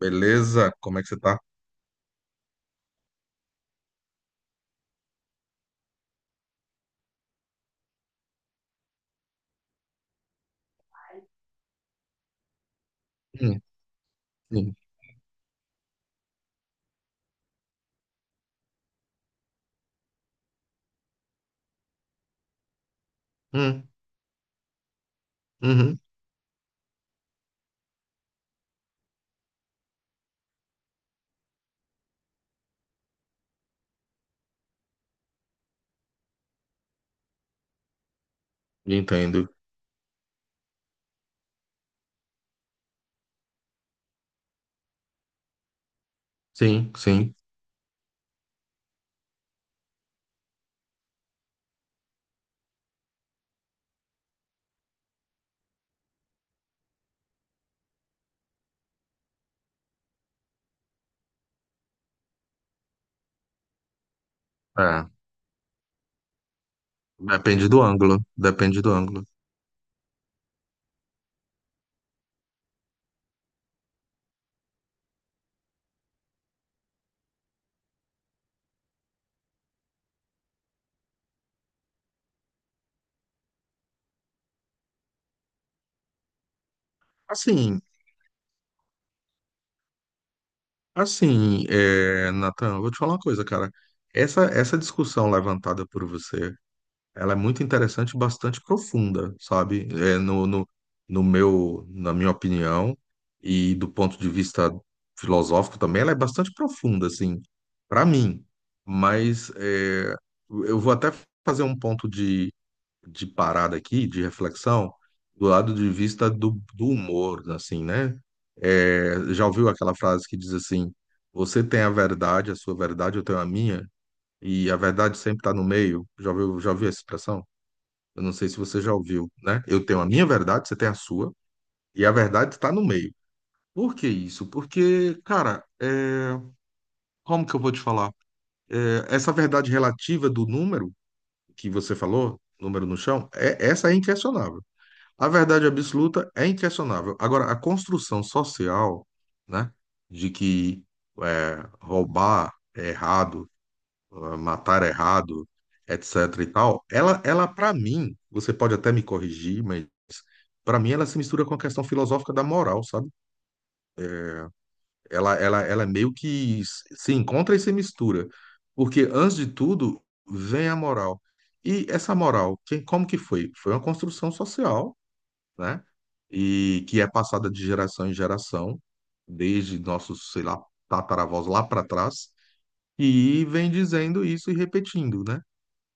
Beleza? Como é que você tá? Hum, sim. Hum, uhum. Entendo. Sim, sim. É, depende do ângulo. Depende do ângulo. Assim, assim, Nathan, eu vou te falar uma coisa, cara. Essa discussão levantada por você, ela é muito interessante e bastante profunda, sabe? É, no, no, no meu, na minha opinião, e do ponto de vista filosófico também, ela é bastante profunda, assim, para mim. Mas eu vou até fazer um ponto de parada aqui, de reflexão, do lado de vista do humor, assim, né? Já ouviu aquela frase que diz assim: você tem a verdade, a sua verdade, eu tenho a minha, e a verdade sempre está no meio. Já ouviu essa expressão? Eu não sei se você já ouviu, né? Eu tenho a minha verdade, você tem a sua, e a verdade está no meio. Por que isso? Porque, cara, como que eu vou te falar? Essa verdade relativa do número que você falou, número no chão, essa é inquestionável. A verdade absoluta é inquestionável. Agora, a construção social, né, de que é, roubar é errado, ah, matar errado, etc e tal, ela para mim, você pode até me corrigir, mas para mim ela se mistura com a questão filosófica da moral, sabe? Ela é meio que se encontra e se mistura, porque antes de tudo vem a moral. E essa moral, quem, como que foi? Foi uma construção social, né? E que é passada de geração em geração, desde nossos, sei lá, tataravós lá para trás, e vem dizendo isso e repetindo, né?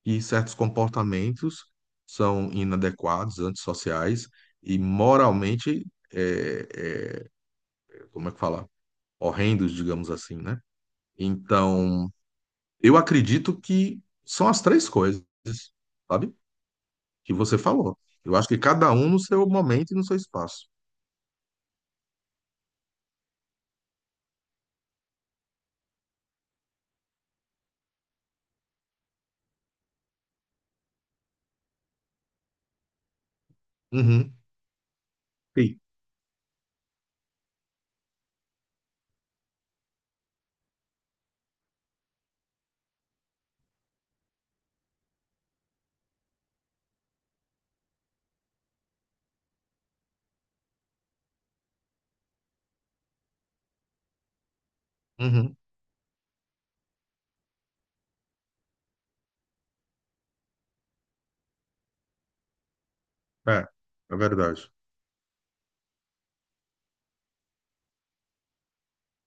E certos comportamentos são inadequados, antissociais e moralmente, é, é, como é que fala? Horrendos, digamos assim, né? Então, eu acredito que são as três coisas, sabe? Que você falou. Eu acho que cada um no seu momento e no seu espaço. Uhum, sim. Uhum, é, é verdade.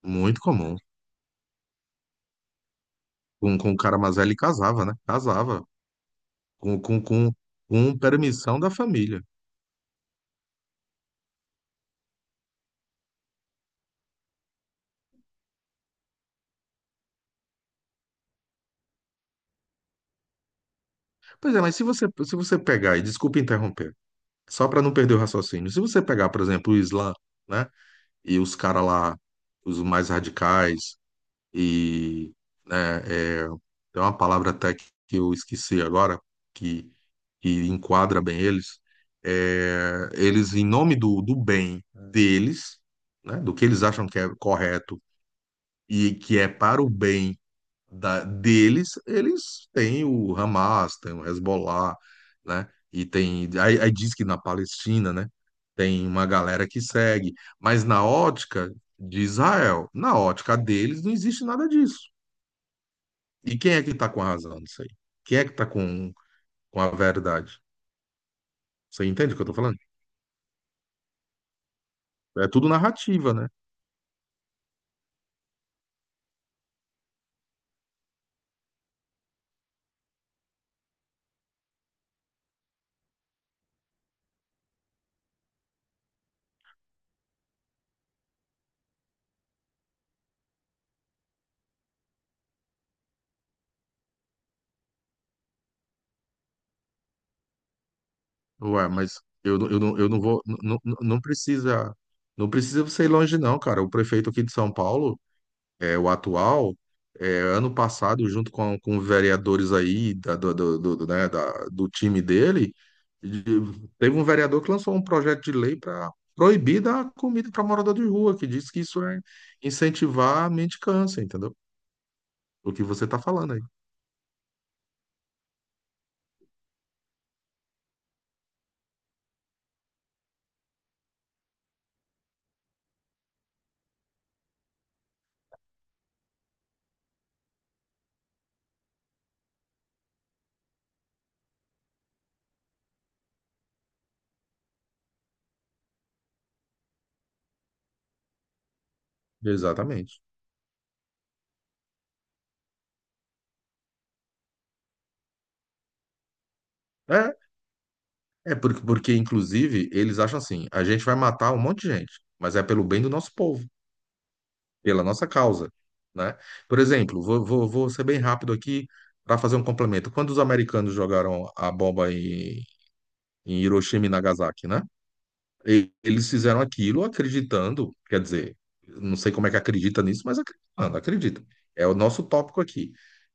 Muito comum. Com o cara mais velho ele casava, né? Casava. Com, com, com, com permissão da família. Pois é, mas se você, pegar, e desculpa interromper, só para não perder o raciocínio, se você pegar, por exemplo, o Islã, né, e os caras lá, os mais radicais, e, né, é, tem uma palavra até que eu esqueci agora, que, que enquadra bem eles, eles, em nome do bem deles, né, do que eles acham que é correto e que é para o bem deles, eles têm o Hamas, tem o Hezbollah, né? E tem. Aí diz que na Palestina, né? Tem uma galera que segue. Mas na ótica de Israel, na ótica deles, não existe nada disso. E quem é que tá com a razão disso aí? Quem é que tá com a verdade? Você entende o que eu tô falando? É tudo narrativa, né? Ué, mas eu não vou. Não, não, não precisa. Não precisa você ir longe, não, cara. O prefeito aqui de São Paulo, o atual, ano passado, junto com vereadores aí do do time dele, de- teve um vereador que lançou um projeto de lei para proibir dar comida para morador de rua, que diz que isso é incentivar a mendicância, entendeu? O que você está falando aí. Exatamente. É, é porque, inclusive, eles acham assim, a gente vai matar um monte de gente, mas é pelo bem do nosso povo, pela nossa causa, né? Por exemplo, vou ser bem rápido aqui para fazer um complemento. Quando os americanos jogaram a bomba em, em Hiroshima e Nagasaki, né? Eles fizeram aquilo acreditando, quer dizer, não sei como é que acredita nisso, mas acreditando, acredita. É o nosso tópico aqui.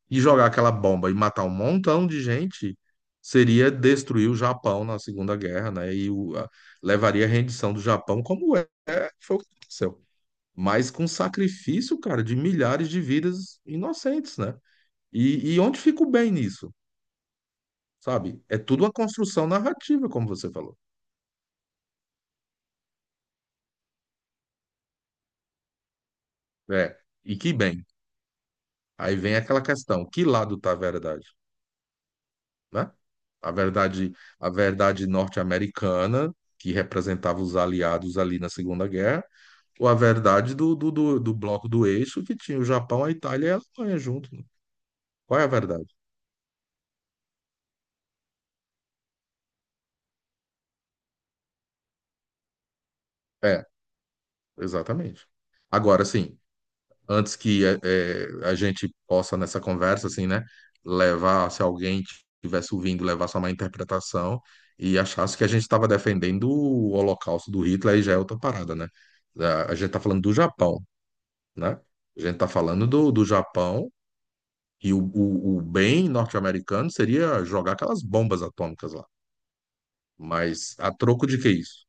E jogar aquela bomba e matar um montão de gente seria destruir o Japão na Segunda Guerra, né? Levaria à rendição do Japão, como é, foi o que aconteceu, mas com sacrifício, cara, de milhares de vidas inocentes, né? E onde fica o bem nisso, sabe? É tudo uma construção narrativa, como você falou. É, e que bem. Aí vem aquela questão, que lado tá a verdade, né? A verdade, a verdade norte-americana, que representava os aliados ali na Segunda Guerra, ou a verdade do bloco do eixo, que tinha o Japão, a Itália e a Alemanha junto, né? Qual é a verdade? É, exatamente. Agora, sim, antes que a gente possa nessa conversa, assim, né, levar, se alguém estivesse ouvindo, levar só uma interpretação e achasse que a gente estava defendendo o Holocausto do Hitler, aí já é outra parada, né? A gente está falando do Japão, né? A gente está falando do Japão e o bem norte-americano seria jogar aquelas bombas atômicas lá. Mas a troco de que isso?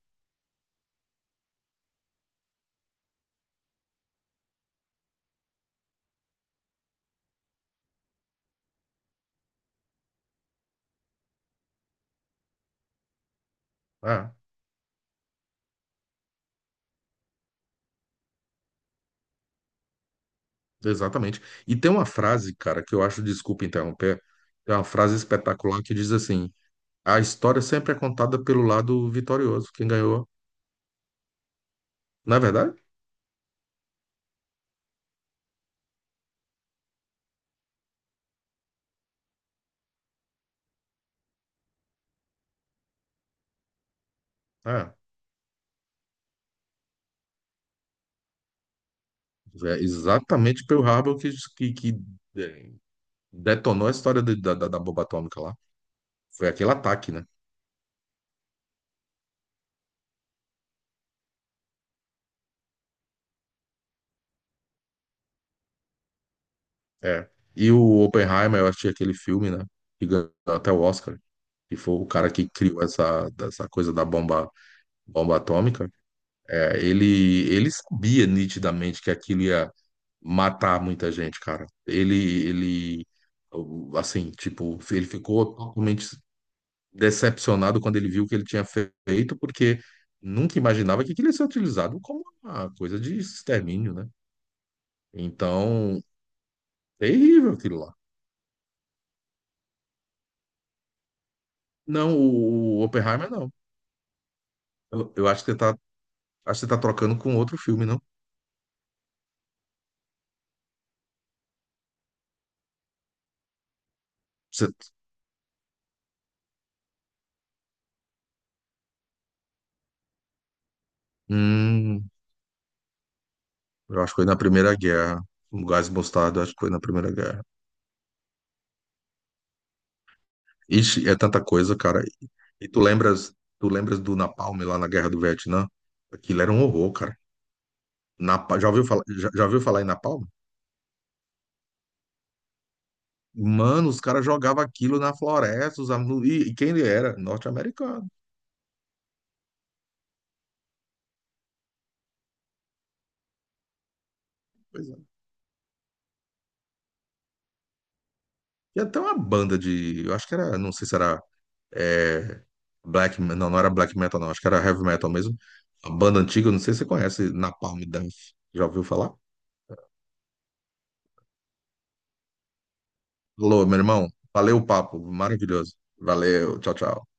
Ah, exatamente. E tem uma frase, cara, que eu acho, desculpa interromper, tem uma frase espetacular que diz assim: a história sempre é contada pelo lado vitorioso, quem ganhou. Não é verdade? É, exatamente, Pearl Harbor que, é, detonou a história da bomba atômica lá. Foi aquele ataque, né? É. E o Oppenheimer, eu achei aquele filme, né? Que ganhou até o Oscar. Que foi o cara que criou essa coisa da bomba, bomba atômica. Ele sabia nitidamente que aquilo ia matar muita gente, cara. Ele, assim, tipo, ele ficou totalmente decepcionado quando ele viu o que ele tinha feito, porque nunca imaginava que aquilo ia ser utilizado como uma coisa de extermínio, né? Então, terrível aquilo lá. Não, o Oppenheimer não. Eu acho que você tá, acho que você tá trocando com outro filme, não? Você- hum, eu acho que foi na Primeira Guerra. O Gás Mostarda, acho que foi na Primeira Guerra. Ixi, é tanta coisa, cara. E tu lembras do Napalm lá na Guerra do Vietnã? Aquilo era um horror, cara. Já ouviu falar, já ouviu falar em Napalm? Mano, os caras jogavam aquilo na floresta, e quem ele era? Norte-americano. Pois é. E até uma banda de, eu acho que era, não sei se era é, black, não, não era black metal não, acho que era heavy metal mesmo. A banda antiga, não sei se você conhece, Napalm Death. Já ouviu falar? Alô, meu irmão, valeu o papo, maravilhoso. Valeu, tchau, tchau.